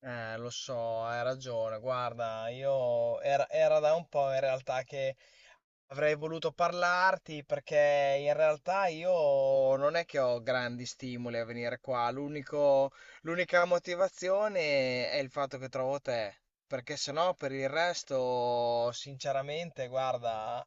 Lo so, hai ragione. Guarda, io era da un po' in realtà che avrei voluto parlarti perché in realtà io non è che ho grandi stimoli a venire qua. L'unica motivazione è il fatto che trovo te. Perché se no, per il resto, sinceramente, guarda,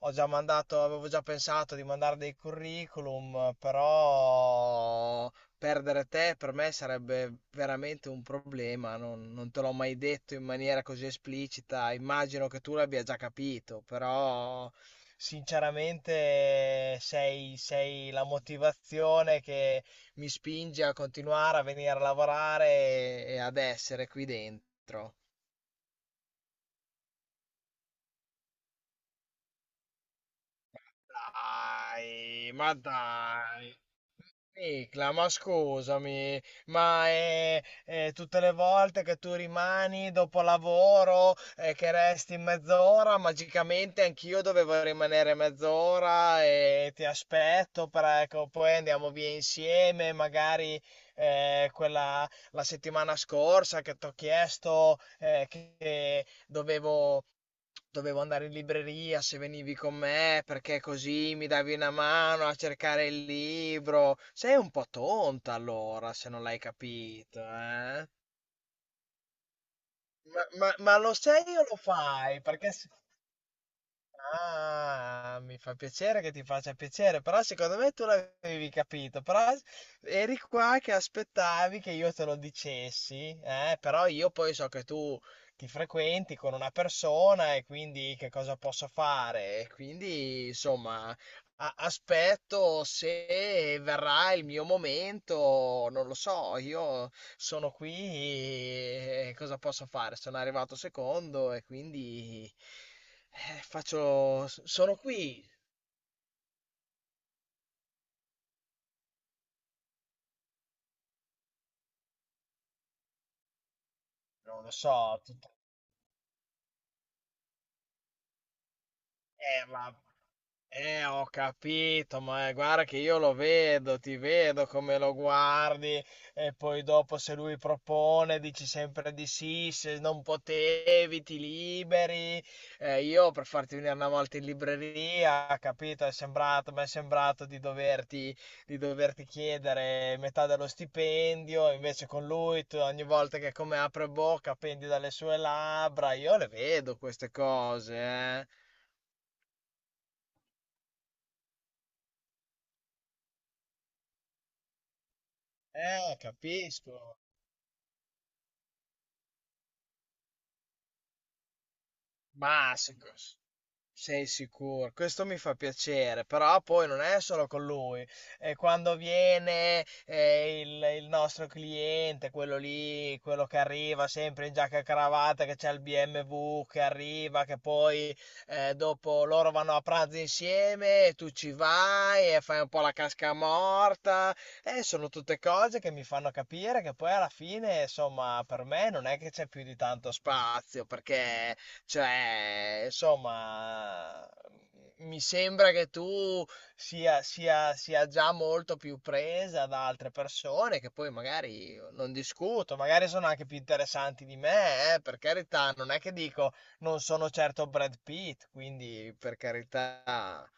avevo già pensato di mandare dei curriculum, però. Perdere te per me sarebbe veramente un problema, non te l'ho mai detto in maniera così esplicita, immagino che tu l'abbia già capito, però sinceramente sei la motivazione che mi spinge a continuare a venire a lavorare e ad essere qui dentro. Dai, ma dai. Nicla, ma scusami, ma tutte le volte che tu rimani dopo lavoro e che resti mezz'ora, magicamente anch'io dovevo rimanere mezz'ora e ti aspetto, per, ecco, poi andiamo via insieme, magari quella la settimana scorsa che ti ho chiesto che dovevo dovevo andare in libreria se venivi con me, perché così mi davi una mano a cercare il libro. Sei un po' tonta allora, se non l'hai capito, eh? Ma lo sei o lo fai? Perché se, ah, mi fa piacere che ti faccia piacere, però secondo me tu l'avevi capito, però eri qua che aspettavi che io te lo dicessi, eh? Però io poi so che tu ti frequenti con una persona e quindi che cosa posso fare? E quindi, insomma, aspetto se verrà il mio momento, non lo so, io sono qui e cosa posso fare? Sono arrivato secondo e quindi... faccio... sono qui, non lo so, tutta la terra, ho capito, ma guarda che io lo vedo, ti vedo come lo guardi e poi dopo se lui propone dici sempre di sì, se non potevi ti liberi. Io per farti venire una volta in libreria, capito, mi è sembrato di doverti chiedere metà dello stipendio, invece con lui tu ogni volta che come apre bocca pendi dalle sue labbra, io le vedo queste cose, eh. Capisco. Ma sic- Sei sicuro? Questo mi fa piacere, però poi non è solo con lui. E quando viene il nostro cliente, quello lì, quello che arriva sempre in giacca e cravatta, che c'è il BMW che arriva, che poi dopo loro vanno a pranzo insieme e tu ci vai e fai un po' la casca morta. Sono tutte cose che mi fanno capire che poi alla fine, insomma, per me non è che c'è più di tanto spazio, perché cioè, insomma, mi sembra che tu sia già molto più presa da altre persone che poi magari io non discuto, magari sono anche più interessanti di me, per carità, non è che dico non sono certo Brad Pitt, quindi per carità.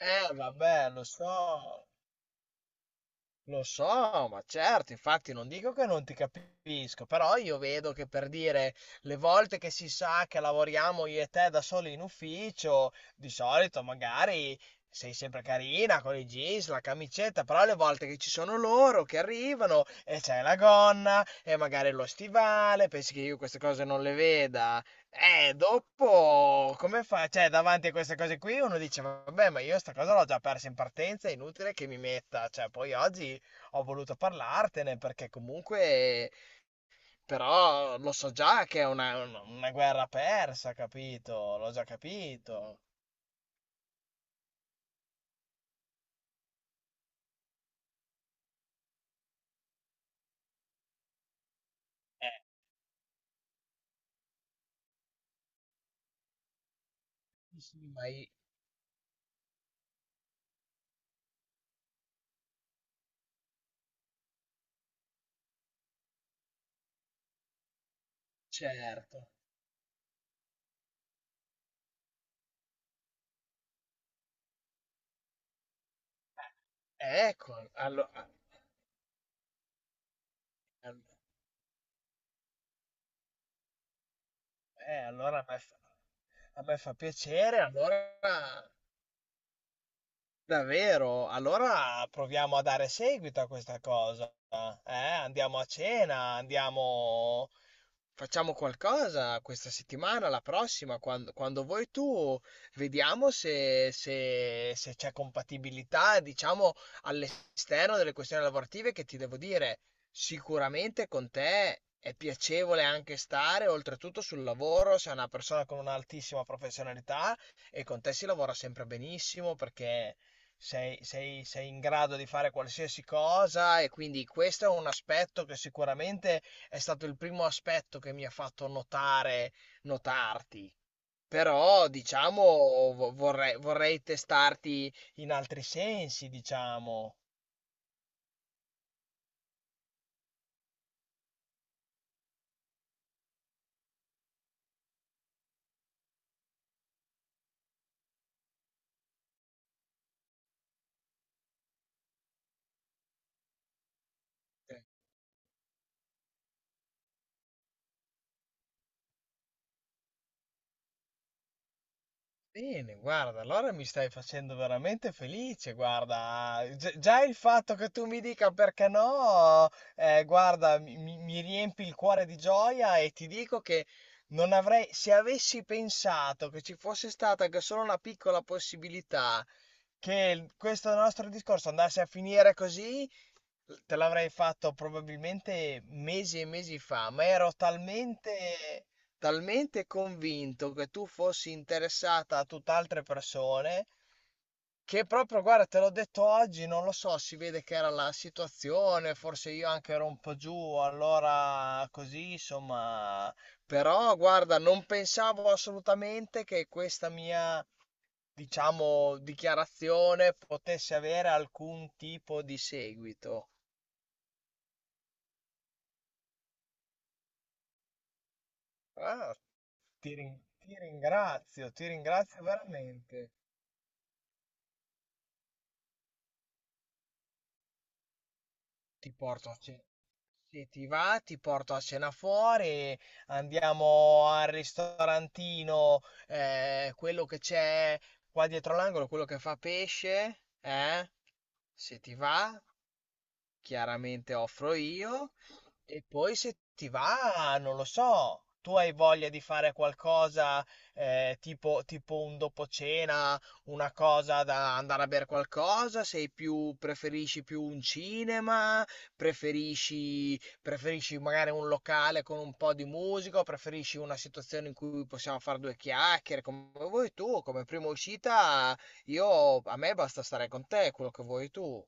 Vabbè, lo so. Lo so, ma certo, infatti non dico che non ti capisco, però io vedo che per dire le volte che si sa che lavoriamo io e te da soli in ufficio, di solito magari sei sempre carina con i jeans, la camicetta, però le volte che ci sono loro che arrivano e c'è la gonna e magari lo stivale, pensi che io queste cose non le veda? Dopo come fa? Cioè, davanti a queste cose qui uno dice, vabbè, ma io sta cosa l'ho già persa in partenza, è inutile che mi metta, cioè, poi oggi ho voluto parlartene perché comunque però lo so già che è una guerra persa, capito? L'ho già capito. Eh, sì, sì, ma certo. Ecco, allo- all- allora a me, a me fa piacere, allora davvero, allora proviamo a dare seguito a questa cosa. Cena, eh? Andiamo a cena, andiamo... Facciamo qualcosa questa settimana, la prossima, quando vuoi tu, vediamo se c'è compatibilità, diciamo, all'esterno delle questioni lavorative che ti devo dire, sicuramente con te è piacevole anche stare, oltretutto sul lavoro, sei una persona con un'altissima professionalità e con te si lavora sempre benissimo perché sei in grado di fare qualsiasi cosa e quindi questo è un aspetto che sicuramente è stato il primo aspetto che mi ha fatto notare, notarti. Però, diciamo, vorrei testarti in altri sensi, diciamo. Bene, guarda, allora mi stai facendo veramente felice, guarda, già il fatto che tu mi dica perché no, guarda, mi riempi il cuore di gioia e ti dico che non avrei, se avessi pensato che ci fosse stata anche solo una piccola possibilità che questo nostro discorso andasse a finire così, te l'avrei fatto probabilmente mesi e mesi fa, ma ero talmente, talmente convinto che tu fossi interessata a tutt'altre persone che proprio, guarda, te l'ho detto oggi, non lo so, si vede che era la situazione, forse io anche ero un po' giù, allora così, insomma. Però, guarda, non pensavo assolutamente che questa mia, diciamo, dichiarazione potesse avere alcun tipo di seguito. Ah, ti ringrazio veramente. Ti porto a cena. Se ti va, ti porto a cena fuori, andiamo al ristorantino, quello che c'è qua dietro l'angolo, quello che fa pesce, eh? Se ti va. Chiaramente offro io e poi se ti va, non lo so, tu hai voglia di fare qualcosa tipo un dopo cena, una cosa da andare a bere qualcosa, preferisci più un cinema, preferisci magari un locale con un po' di musica, o preferisci una situazione in cui possiamo fare due chiacchiere, come vuoi tu, come prima uscita, io, a me basta stare con te, quello che vuoi tu.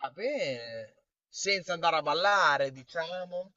Va bene, senza andare a ballare, diciamo.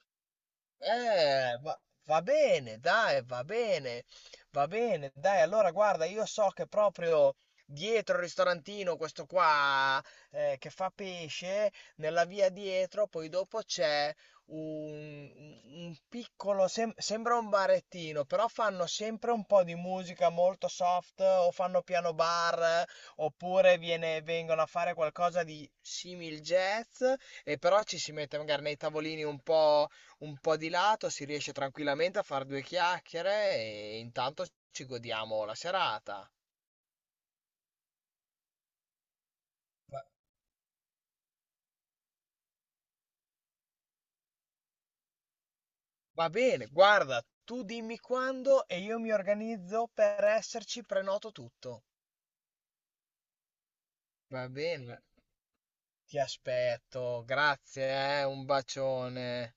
Eh, va, va bene, dai, va bene, dai, allora guarda, io so che proprio dietro il ristorantino, questo qua che fa pesce, nella via dietro, poi dopo c'è un piccolo, sembra un barettino, però fanno sempre un po' di musica molto soft, o fanno piano bar, oppure vengono a fare qualcosa di simil jazz, e però ci si mette magari nei tavolini un po' di lato, si riesce tranquillamente a fare due chiacchiere e intanto ci godiamo la serata. Va, va bene, guarda, tu dimmi quando e io mi organizzo per esserci, prenoto tutto. Va bene, ti aspetto, grazie, un bacione.